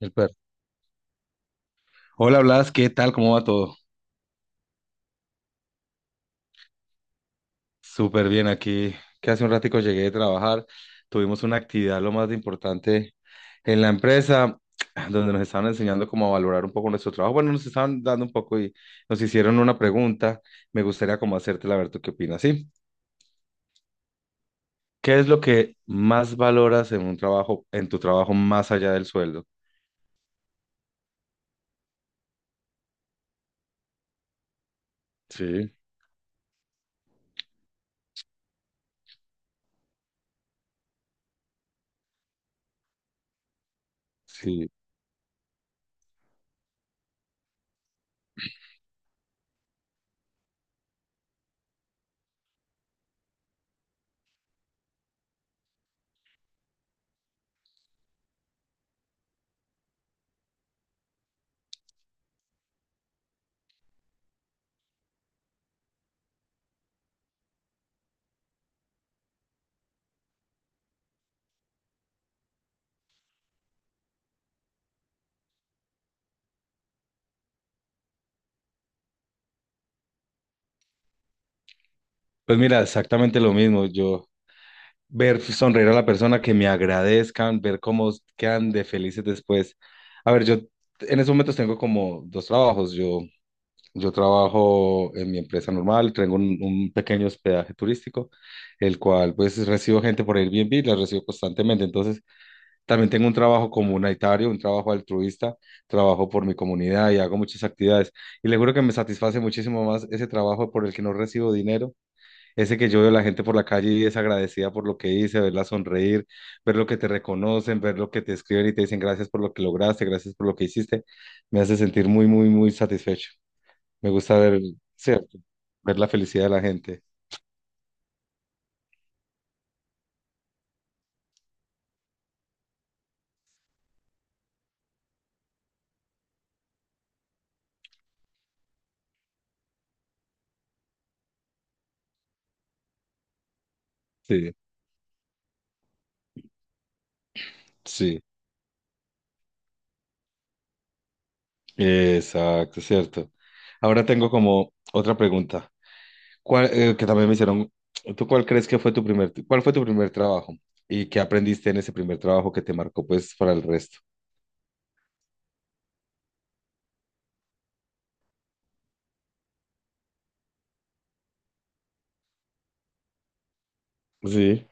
El perro. Hola Blas, ¿qué tal? ¿Cómo va todo? Súper bien aquí, que hace un ratico llegué de trabajar. Tuvimos una actividad lo más importante en la empresa, donde nos estaban enseñando cómo a valorar un poco nuestro trabajo. Bueno, nos estaban dando un poco y nos hicieron una pregunta. Me gustaría como hacértela a ver tú qué opinas, ¿sí? ¿Qué es lo que más valoras en un trabajo, en tu trabajo más allá del sueldo? Sí, sí. Pues mira, exactamente lo mismo. Yo ver sonreír a la persona, que me agradezcan, ver cómo quedan de felices después. A ver, yo en esos momentos tengo como 2 trabajos. Yo, trabajo en mi empresa normal, tengo un pequeño hospedaje turístico, el cual pues recibo gente por Airbnb, la recibo constantemente. Entonces, también tengo un trabajo comunitario, un trabajo altruista, trabajo por mi comunidad y hago muchas actividades. Y le juro que me satisface muchísimo más ese trabajo por el que no recibo dinero, ese que yo veo la gente por la calle y es agradecida por lo que hice, verla sonreír, ver lo que te reconocen, ver lo que te escriben y te dicen gracias por lo que lograste, gracias por lo que hiciste, me hace sentir muy, muy, muy satisfecho. Me gusta ver, cierto, ver la felicidad de la gente. Sí, sí, exacto, cierto. Ahora tengo como otra pregunta. ¿Cuál, que también me hicieron, ¿tú cuál crees que fue tu primer, cuál fue tu primer trabajo y qué aprendiste en ese primer trabajo que te marcó pues para el resto? Sí,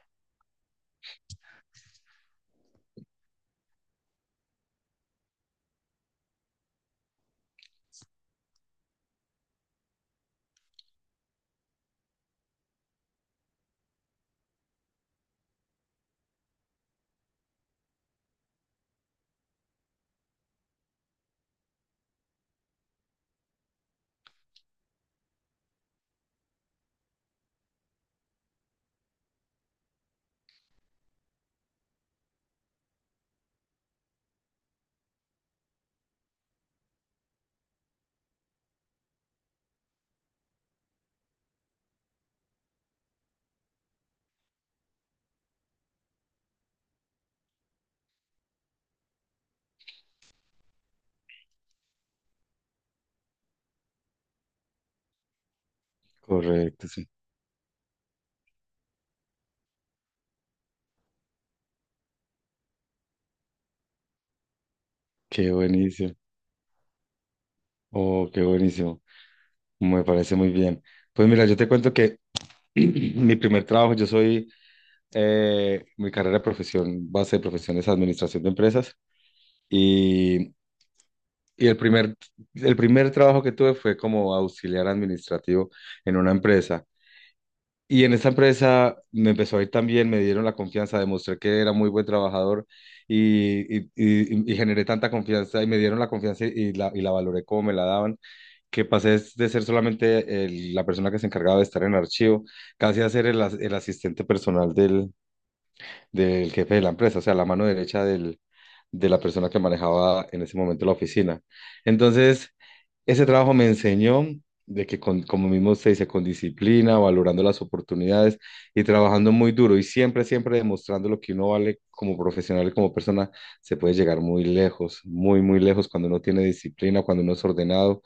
correcto, sí. Qué buenísimo. Oh, qué buenísimo. Me parece muy bien. Pues mira, yo te cuento que mi primer trabajo, yo soy, mi carrera de profesión, base de profesión es administración de empresas y, y el primer trabajo que tuve fue como auxiliar administrativo en una empresa. Y en esta empresa me empezó a ir tan bien, me dieron la confianza, demostré que era muy buen trabajador y generé tanta confianza y me dieron la confianza y la valoré como me la daban, que pasé es de ser solamente la persona que se encargaba de estar en el archivo, casi a ser el, el asistente personal del jefe de la empresa, o sea, la mano derecha de la persona que manejaba en ese momento la oficina. Entonces, ese trabajo me enseñó de que, con, como mismo se dice, con disciplina, valorando las oportunidades y trabajando muy duro y siempre, siempre demostrando lo que uno vale como profesional y como persona, se puede llegar muy lejos, muy, muy lejos cuando uno tiene disciplina, cuando uno es ordenado,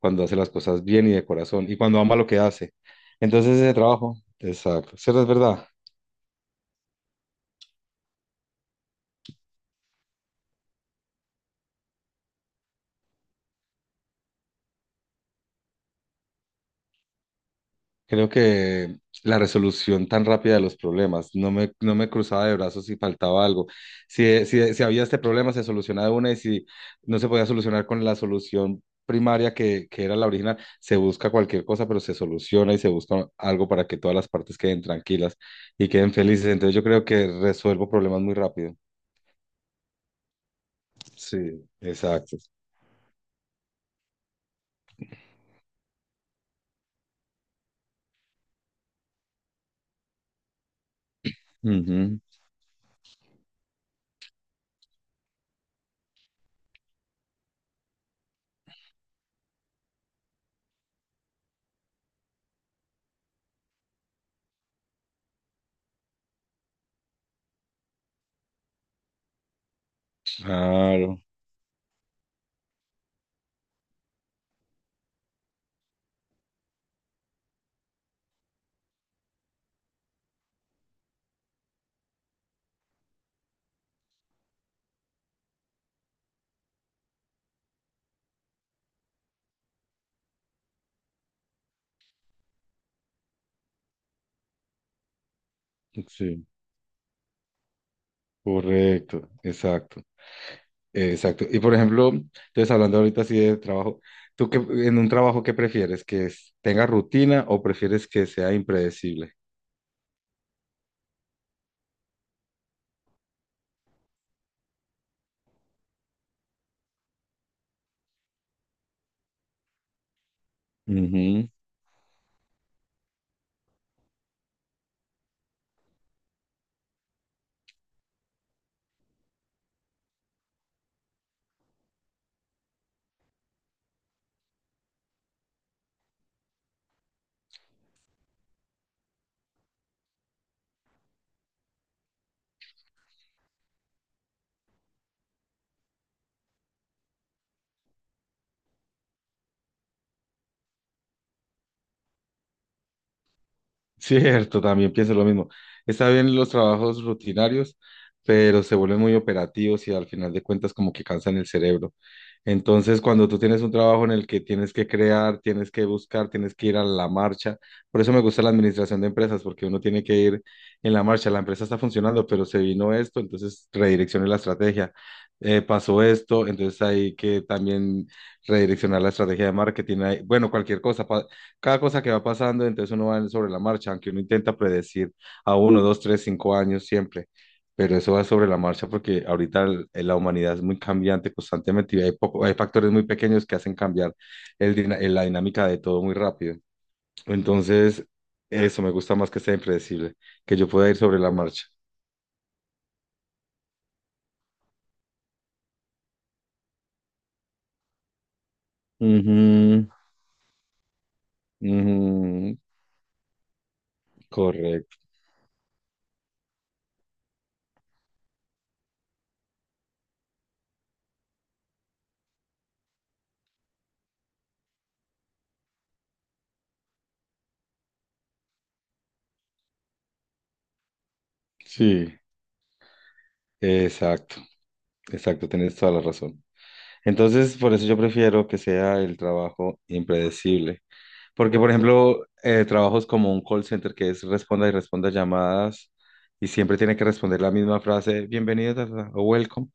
cuando hace las cosas bien y de corazón y cuando ama lo que hace. Entonces ese trabajo, exacto, cierto, es verdad. Creo que la resolución tan rápida de los problemas, no me cruzaba de brazos si faltaba algo. Si había este problema, se solucionaba de una, y si no se podía solucionar con la solución primaria que era la original, se busca cualquier cosa, pero se soluciona y se busca algo para que todas las partes queden tranquilas y queden felices. Entonces yo creo que resuelvo problemas muy rápido. Sí, exacto. Ujú. Claro, sí, correcto, exacto, exacto. Y por ejemplo, entonces hablando ahorita así de trabajo, ¿tú qué, en un trabajo qué prefieres? ¿Que tenga rutina o prefieres que sea impredecible? Cierto, también pienso lo mismo. Está bien los trabajos rutinarios, pero se vuelven muy operativos y al final de cuentas como que cansan el cerebro. Entonces, cuando tú tienes un trabajo en el que tienes que crear, tienes que buscar, tienes que ir a la marcha, por eso me gusta la administración de empresas, porque uno tiene que ir en la marcha. La empresa está funcionando, pero se vino esto, entonces redireccione la estrategia. Pasó esto, entonces hay que también redireccionar la estrategia de marketing. Bueno, cualquier cosa, cada cosa que va pasando, entonces uno va sobre la marcha, aunque uno intenta predecir a uno, dos, tres, cinco años siempre, pero eso va sobre la marcha porque ahorita la humanidad es muy cambiante constantemente y hay, poco, hay factores muy pequeños que hacen cambiar la dinámica de todo muy rápido. Entonces, eso me gusta más, que sea impredecible, que yo pueda ir sobre la marcha. Ujú, ujú, correcto. Sí, exacto, exacto, tienes toda la razón. Entonces, por eso yo prefiero que sea el trabajo impredecible. Porque, por ejemplo, trabajos como un call center que es responda y responda llamadas y siempre tiene que responder la misma frase, bienvenido ta, ta, ta, o welcome,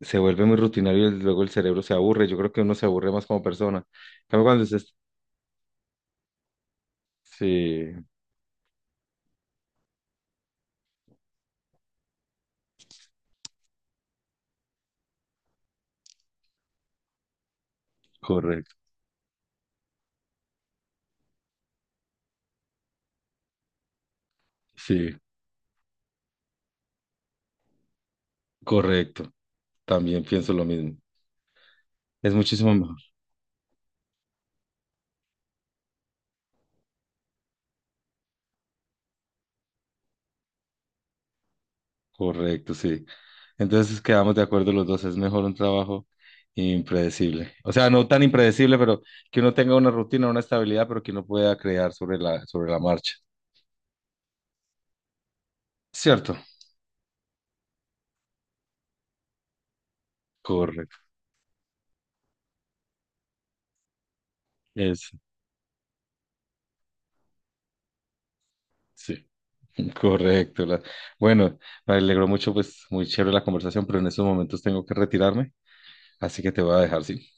se vuelve muy rutinario y luego el cerebro se aburre. Yo creo que uno se aburre más como persona. En cambio, cuando usted... Sí, correcto. Sí, correcto. También pienso lo mismo. Es muchísimo mejor. Correcto, sí. Entonces quedamos de acuerdo los dos, es mejor un trabajo impredecible. O sea, no tan impredecible, pero que uno tenga una rutina, una estabilidad, pero que uno pueda crear sobre la marcha. ¿Cierto? Correcto. Es, sí, correcto. Bueno, me alegró mucho, pues muy chévere la conversación, pero en estos momentos tengo que retirarme, así que te voy a dejar, ¿sí?